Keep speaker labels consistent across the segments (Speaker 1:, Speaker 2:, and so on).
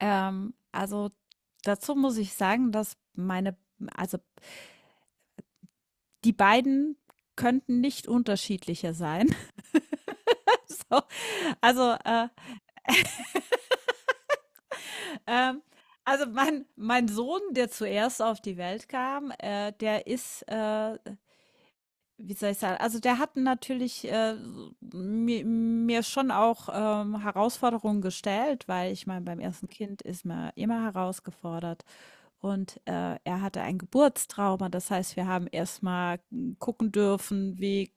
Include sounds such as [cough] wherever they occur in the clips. Speaker 1: Ähm, also, dazu muss ich sagen, dass meine also, die beiden könnten nicht unterschiedlicher sein. [laughs] So, also, äh, ähm, also mein Sohn, der zuerst auf die Welt kam, der wie soll ich sagen? Der hat natürlich, so mir schon auch, Herausforderungen gestellt, weil ich meine, beim ersten Kind ist man immer herausgefordert. Und, er hatte ein Geburtstrauma. Das heißt, wir haben erstmal gucken dürfen, wie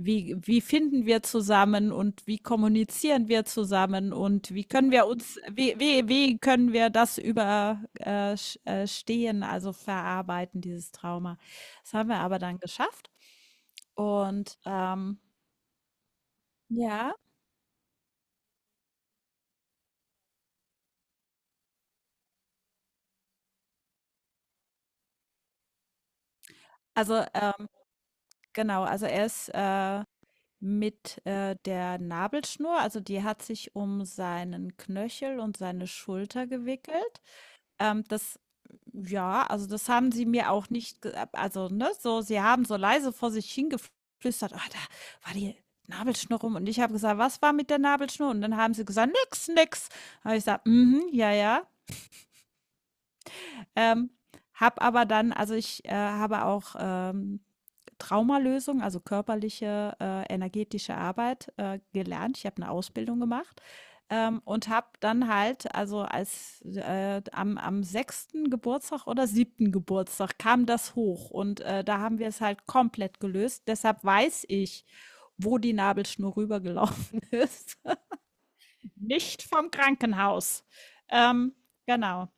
Speaker 1: wie wie finden wir zusammen und wie kommunizieren wir zusammen und wie können wir das überstehen, also verarbeiten, dieses Trauma. Das haben wir aber dann geschafft. Und, ähm, ja, also, ähm, genau, also er ist, mit, der Nabelschnur also die hat sich um seinen Knöchel und seine Schulter gewickelt. Das ja, also das haben sie mir auch nicht ge also, ne, so sie haben so leise vor sich hingeflüstert: „Ah, da war die Nabelschnur rum.“ Und ich habe gesagt: „Was war mit der Nabelschnur?“ Und dann haben sie gesagt: „Nix, nix.“ Habe ich gesagt: „Mhm, ja, ja.“ Ähm, habe aber dann habe auch, Traumalösung, also körperliche, energetische Arbeit, gelernt. Ich habe eine Ausbildung gemacht, und habe dann halt am 6. Geburtstag oder siebten Geburtstag kam das hoch und, da haben wir es halt komplett gelöst. Deshalb weiß ich, wo die Nabelschnur rübergelaufen [laughs] ist. Nicht vom Krankenhaus. Ähm, genau.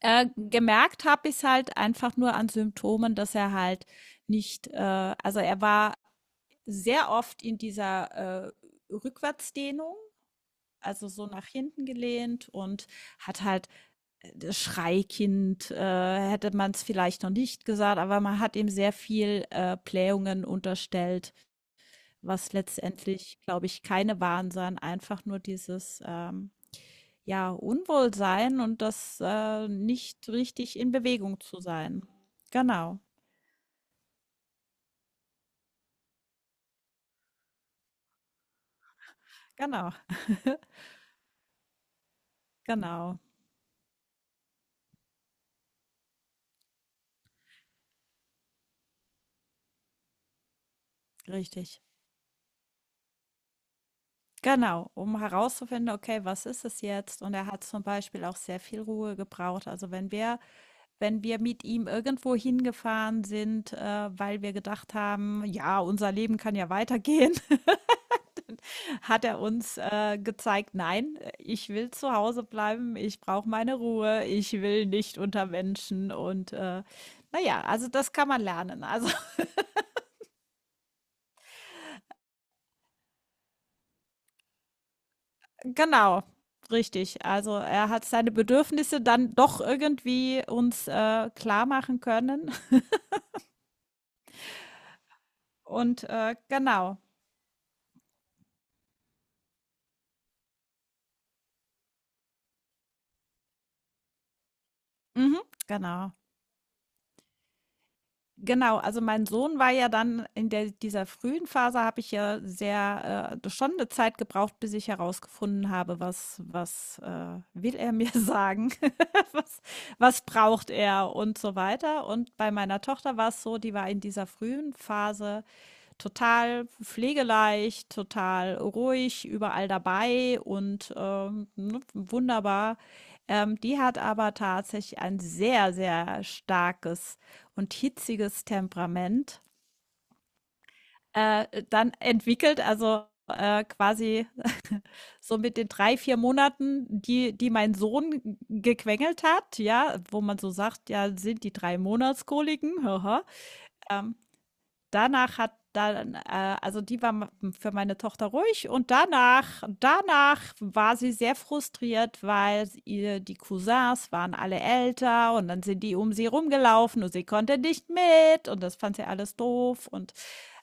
Speaker 1: Gemerkt habe ich es halt einfach nur an Symptomen, dass er halt nicht, also er war sehr oft in dieser Rückwärtsdehnung, also so nach hinten gelehnt, und hat halt das Schreikind, hätte man es vielleicht noch nicht gesagt, aber man hat ihm sehr viel Blähungen unterstellt, was letztendlich, glaube ich, keine waren, sondern einfach nur dieses ja, Unwohlsein und das, nicht richtig in Bewegung zu sein. Genau, genau, genau, richtig. Genau, um herauszufinden, okay, was ist es jetzt? Und er hat zum Beispiel auch sehr viel Ruhe gebraucht. Wenn wir mit ihm irgendwo hingefahren sind, weil wir gedacht haben, ja, unser Leben kann ja weitergehen. Hat er uns gezeigt, nein, ich will zu Hause bleiben, ich brauche meine Ruhe, ich will nicht unter Menschen, und naja, also das kann man lernen. Also [laughs] genau, richtig. Also er hat seine Bedürfnisse dann doch irgendwie uns klar machen können. [laughs] und äh, genau, mhm, genau. Genau, also mein Sohn war ja dann in der dieser frühen Phase habe ich ja sehr schon eine Zeit gebraucht, bis ich herausgefunden habe, was will er mir [laughs] sagen? [laughs] Was braucht er und so weiter. Und bei meiner Tochter war es so, die war in dieser frühen Phase total pflegeleicht, total ruhig, überall dabei, und ne, wunderbar. Die hat aber tatsächlich ein sehr, sehr starkes und hitziges Temperament. Dann entwickelt, quasi, [laughs] so mit den drei, vier Monaten, die mein Sohn gequengelt hat, ja, wo man so sagt, ja, sind die drei Monatskoliken, haha. ähm, Danach hat dann die war ma für meine Tochter ruhig, und danach war sie sehr frustriert, weil ihr die Cousins waren alle älter, und dann sind die um sie rumgelaufen und sie konnte nicht mit, und das fand sie alles doof, und,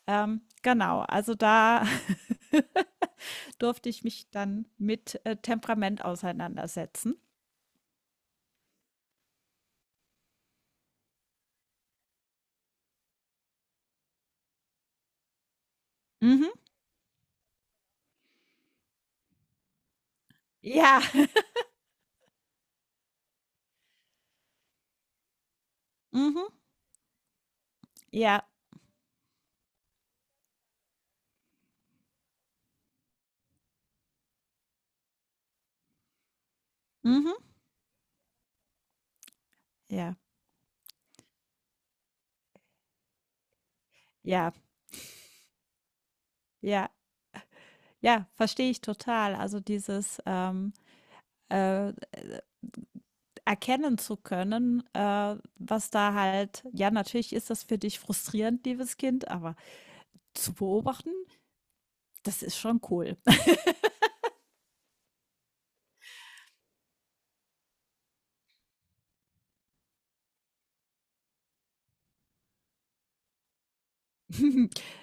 Speaker 1: genau, also da [laughs] durfte ich mich dann mit, Temperament auseinandersetzen. Mhm. Ja. [laughs] Mhm. Ja. Mhm. Ja. Ja. Ja. Ja, verstehe ich total. Also dieses, äh, erkennen zu können, was da halt, ja, natürlich ist das für dich frustrierend, liebes Kind, aber zu beobachten, das ist schon cool. [laughs]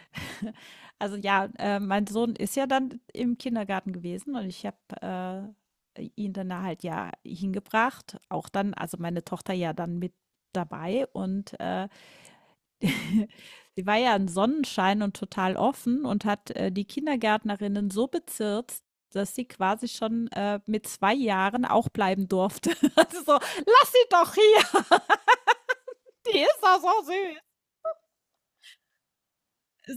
Speaker 1: mein Sohn ist ja dann im Kindergarten gewesen, und ich habe ihn dann da halt ja hingebracht, auch dann, also meine Tochter ja dann mit dabei, und sie war ja ein Sonnenschein und total offen und hat die Kindergärtnerinnen so bezirzt, dass sie quasi schon mit zwei Jahren auch bleiben durfte. [laughs] Also so, lass sie doch hier, die ist doch so süß.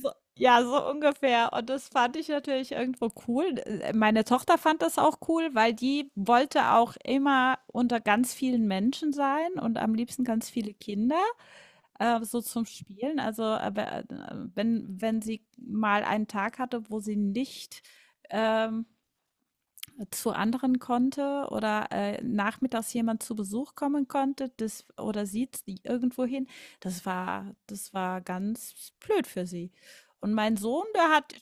Speaker 1: So, ja, so ungefähr. Und das fand ich natürlich irgendwo cool. Meine Tochter fand das auch cool, weil die wollte auch immer unter ganz vielen Menschen sein und am liebsten ganz viele Kinder. So zum Spielen? Wenn sie mal einen Tag hatte, wo sie nicht ähm, zu anderen konnte oder nachmittags jemand zu Besuch kommen konnte, das oder sie irgendwo hin, das war ganz blöd für sie. Und mein Sohn, der hat,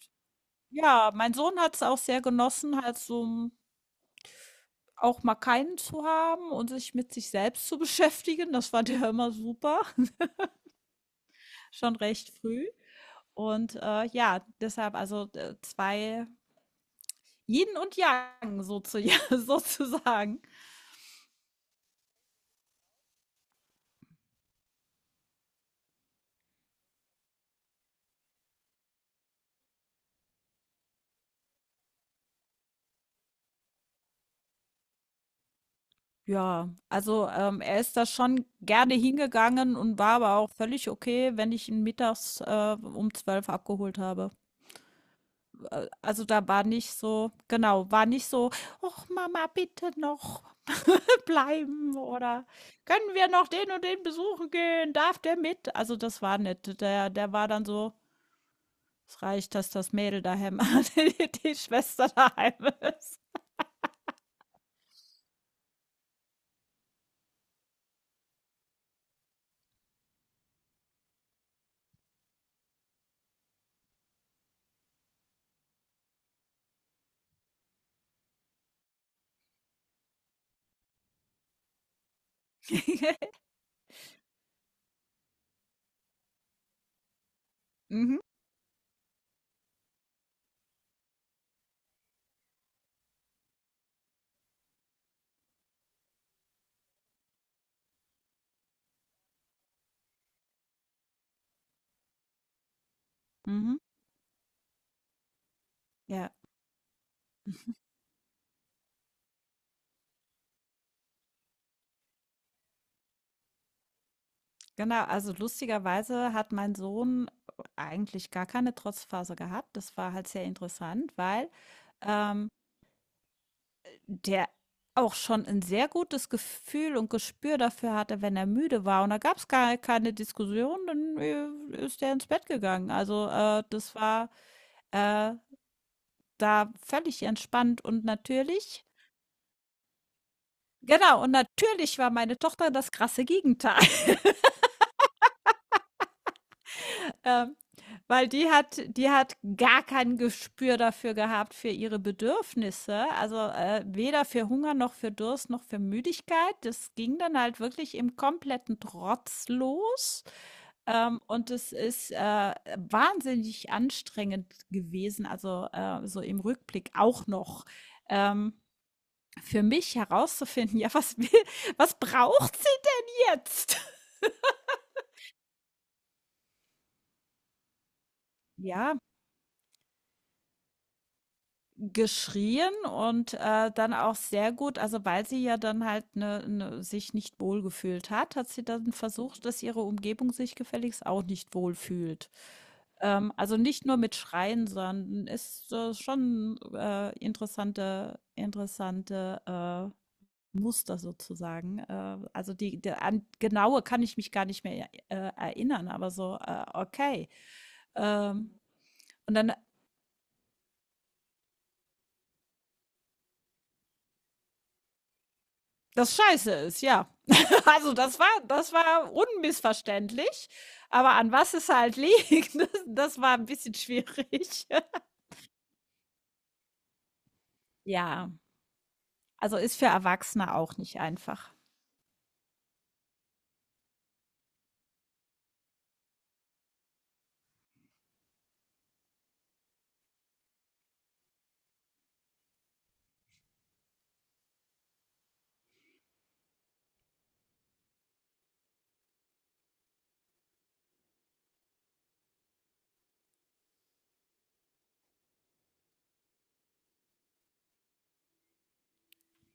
Speaker 1: ja, mein Sohn hat es auch sehr genossen, halt so auch mal keinen zu haben und sich mit sich selbst zu [laughs] beschäftigen. Das fand er immer super, [laughs] schon recht früh. Und, ja, deshalb 2 Yin und Yang sozu [laughs] sozusagen. Ja, er ist da schon gerne hingegangen und war aber auch völlig okay, wenn ich ihn mittags, um 12 abgeholt habe. Da war nicht so genau, war nicht so: „Och, Mama, bitte noch [laughs] bleiben“ oder „Können wir noch den und den besuchen gehen? Darf der mit?“ Also, das war nett. Der war dann so: Es reicht, dass das Mädel daheim, [laughs] die Schwester daheim ist. [laughs] Mhm. Mhm. Ja, genau. Also lustigerweise hat mein Sohn eigentlich gar keine Trotzphase gehabt. Das war halt sehr interessant, weil ähm, der auch schon ein sehr gutes Gefühl und Gespür dafür hatte, wenn er müde war. Und da gab es gar keine Diskussion, dann ist er ins Bett gegangen. Das war äh, da völlig entspannt und natürlich. Genau, und natürlich war meine Tochter das krasse Gegenteil, [laughs] ähm, weil die hat gar kein Gespür dafür gehabt, für ihre Bedürfnisse, also, weder für Hunger noch für Durst noch für Müdigkeit. Das ging dann halt wirklich im kompletten Trotz los, und es ist, wahnsinnig anstrengend gewesen, also, so im Rückblick auch noch, ähm, für mich herauszufinden: [laughs] „Ja, was braucht sie denn jetzt?“ Ja, geschrien und, dann auch sehr gut, also, weil sie ja dann halt, sich nicht wohlgefühlt hat, hat sie dann versucht, dass ihre Umgebung sich gefälligst auch nicht wohlfühlt. Also, nicht nur mit Schreien, sondern ist, schon, interessante, Muster sozusagen. Die der an genaue kann ich mich gar nicht mehr, erinnern, aber so, okay. Ähm, und dann das scheiße ist, ja. Das war unmissverständlich, aber an was es halt [laughs] liegt, das war ein bisschen schwierig. Ja, also ist für Erwachsene auch nicht einfach.